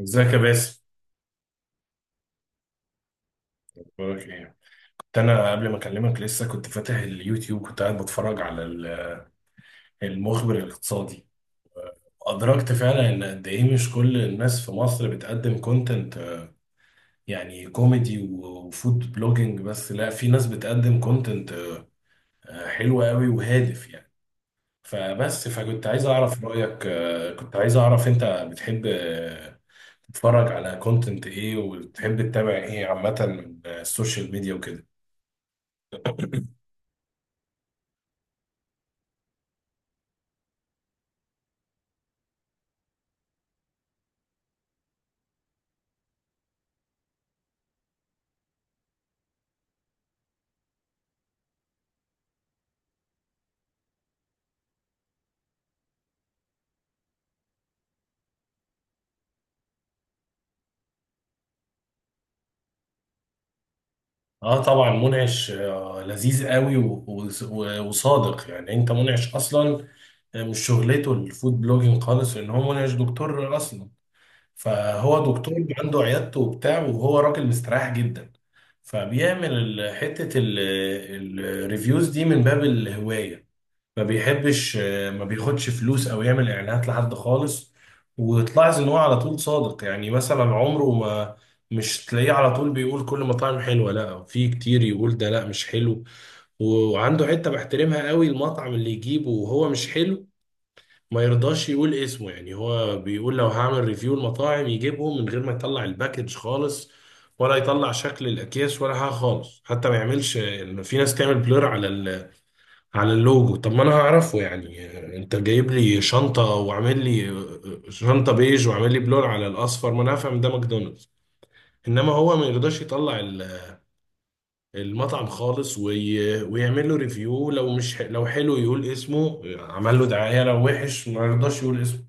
ازيك يا باسم؟ بقولك ايه. كنت انا قبل ما اكلمك لسه كنت فاتح اليوتيوب، كنت قاعد بتفرج على المخبر الاقتصادي. ادركت فعلا ان قد ايه مش كل الناس في مصر بتقدم كونتنت يعني كوميدي وفود بلوجينج، بس لا، في ناس بتقدم كونتنت حلو قوي وهادف يعني. فبس فكنت عايز اعرف رايك، كنت عايز اعرف انت بتحب تتفرج على كونتنت ايه، وبتحب تتابع ايه عامه من السوشيال ميديا وكده. اه طبعا، منعش لذيذ قوي وصادق يعني. انت منعش اصلا مش شغلته الفود بلوجينج خالص، لان هو منعش دكتور اصلا. فهو دكتور عنده عيادته وبتاع، وهو راجل مستريح جدا، فبيعمل حتة الريفيوز دي من باب الهواية. ما بيحبش، ما بياخدش فلوس او يعمل اعلانات لحد خالص. وتلاحظ ان هو على طول صادق، يعني مثلا عمره ما مش تلاقيه على طول بيقول كل مطاعم حلوه، لا، في كتير يقول ده لا مش حلو. وعنده حته بحترمها قوي، المطعم اللي يجيبه وهو مش حلو ما يرضاش يقول اسمه. يعني هو بيقول لو هعمل ريفيو المطاعم يجيبهم من غير ما يطلع الباكج خالص، ولا يطلع شكل الاكياس ولا حاجه خالص، حتى ما يعملش. في ناس تعمل بلور على على اللوجو، طب ما انا هعرفه يعني. انت جايب لي شنطة وعامل لي شنطة بيج وعامل لي بلون على الاصفر، ما انا هفهم ده ماكدونالدز. انما هو ما يرضاش يطلع المطعم خالص ويعمل له ريفيو. لو مش لو حلو يقول اسمه، عمل له دعاية، لو وحش ما يرضاش يقول اسمه.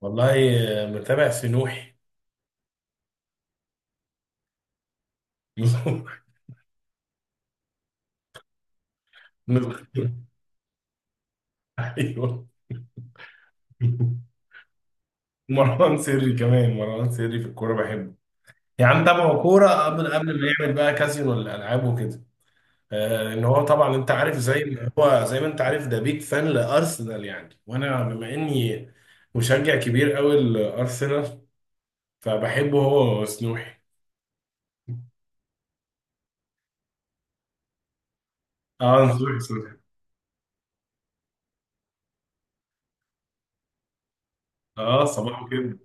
والله، متابع في نوحي. ايوه، مروان سري كمان، مروان سري في الكورة بحبه. يا عم تابعه كورة من قبل ما يعمل بقى كازينو الألعاب وكده. ان هو طبعا انت عارف، زي ما هو، زي ما انت عارف، ده بيك فان لارسنال يعني، وانا بما اني مشجع كبير قوي لارسنال، فبحبه هو وسنوحي. اه، نصوحي صبحي. اه، صباحه كده.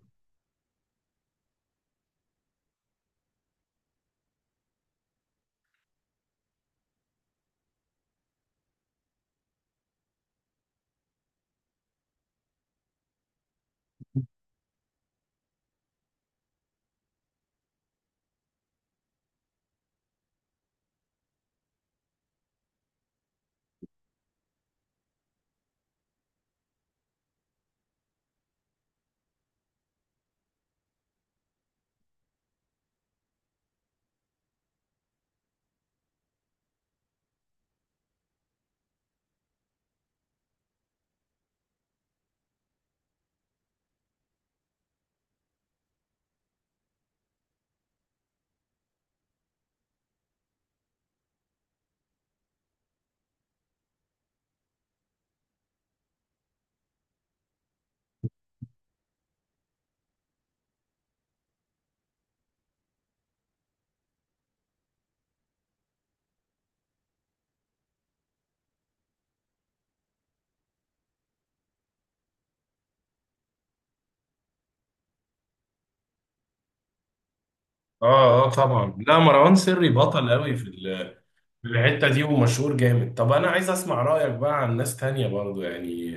اه اه طبعا، لا مروان سري بطل قوي في في الحته دي ومشهور جامد. طب انا عايز اسمع رايك بقى عن ناس تانية برضو يعني.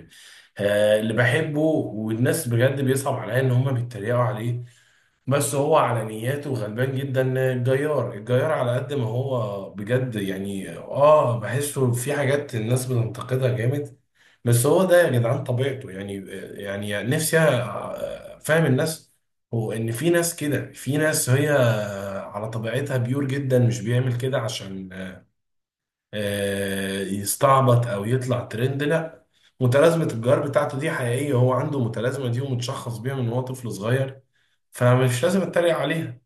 آه اللي بحبه، والناس بجد بيصعب عليا ان هم بيتريقوا عليه، بس هو على نياته غلبان جدا، الجيار، الجيار على قد ما هو بجد يعني. اه بحسه في حاجات الناس بتنتقدها جامد، بس هو ده يا جدعان طبيعته يعني. يعني نفسي فاهم الناس، هو ان في ناس كده، في ناس هي على طبيعتها بيور جدا، مش بيعمل كده عشان يستعبط او يطلع ترند، لا، متلازمه الجار بتاعته دي حقيقيه، هو عنده متلازمه دي ومتشخص بيها من وهو طفل صغير، فمش لازم اتريق عليها.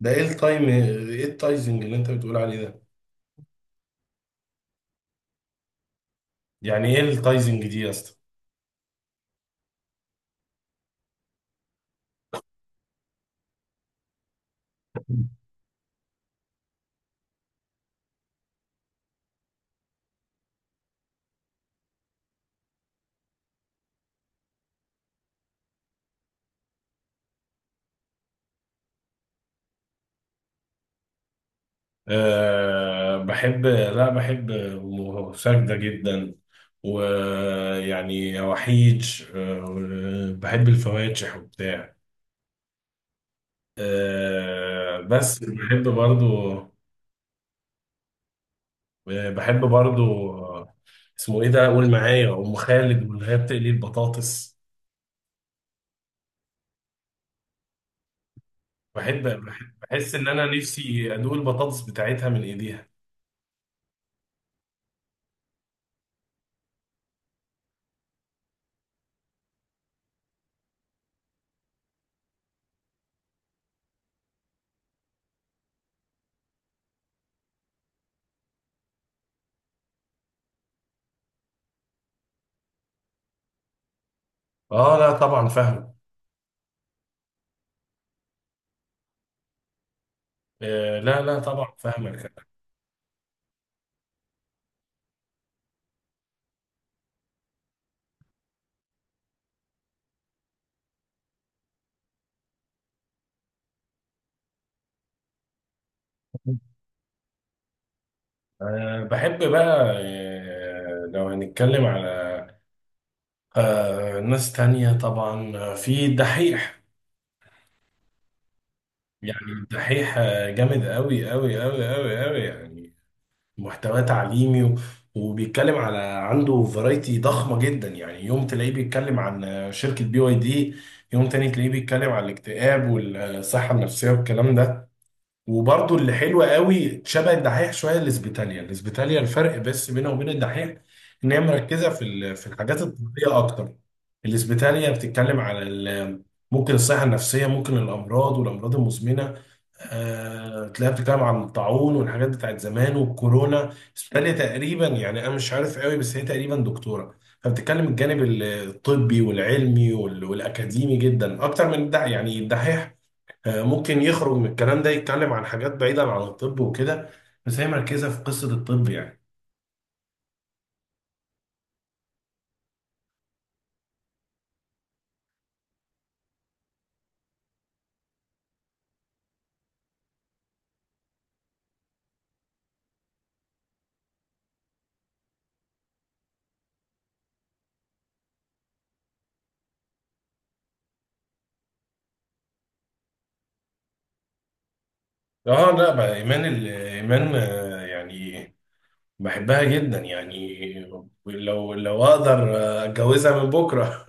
ده ايه التايم، ايه التايزنج اللي انت بتقول عليه ده؟ يعني ايه التايزنج دي يا اسطى؟ أه بحب، لا بحب ساجدة جدا، ويعني وحيد. أه بحب الفواتح وبتاع. أه بس بحب برضو، وبحب برضو، اسمه ايه ده؟ قول معايا، ام خالد، واللي هي بتقلي البطاطس. بحب، بحس ان انا نفسي ادوق البطاطس بتاعتها من ايديها. اه لا طبعا فاهمك. آه لا لا طبعا فاهمك. آه بحب بقى، آه لو هنتكلم على آه ناس تانية طبعا، في الدحيح. يعني الدحيح جامد قوي قوي قوي قوي قوي يعني، محتوى تعليمي وبيتكلم على، عنده فرايتي ضخمة جدا، يعني يوم تلاقيه بيتكلم عن شركة بي واي دي، يوم تاني تلاقيه بيتكلم عن الاكتئاب والصحة النفسية والكلام ده. وبرضو اللي حلوة قوي شبه الدحيح شوية الاسبيتاليا، الاسبيتاليا الفرق بس بينها وبين الدحيح ان هي مركزة في في الحاجات الطبية اكتر. الاسبيتاليا بتتكلم على ممكن الصحة النفسية، ممكن الامراض والامراض المزمنة، تلاقيها بتتكلم عن الطاعون والحاجات بتاعت زمان والكورونا. الاسبيتاليا تقريبا يعني انا مش عارف قوي، بس هي تقريبا دكتورة، فبتتكلم الجانب الطبي والعلمي والاكاديمي جدا اكتر من الدحيح. يعني الدحيح ممكن يخرج من الكلام ده يتكلم عن حاجات بعيدة عن الطب وكده، بس هي مركزة في قصة الطب يعني. اه لا بقى، ايمان ايمان يعني بحبها جدا يعني، لو لو اقدر اتجوزها من بكرة.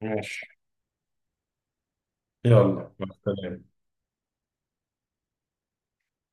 ماشي، يلا مع السلامة.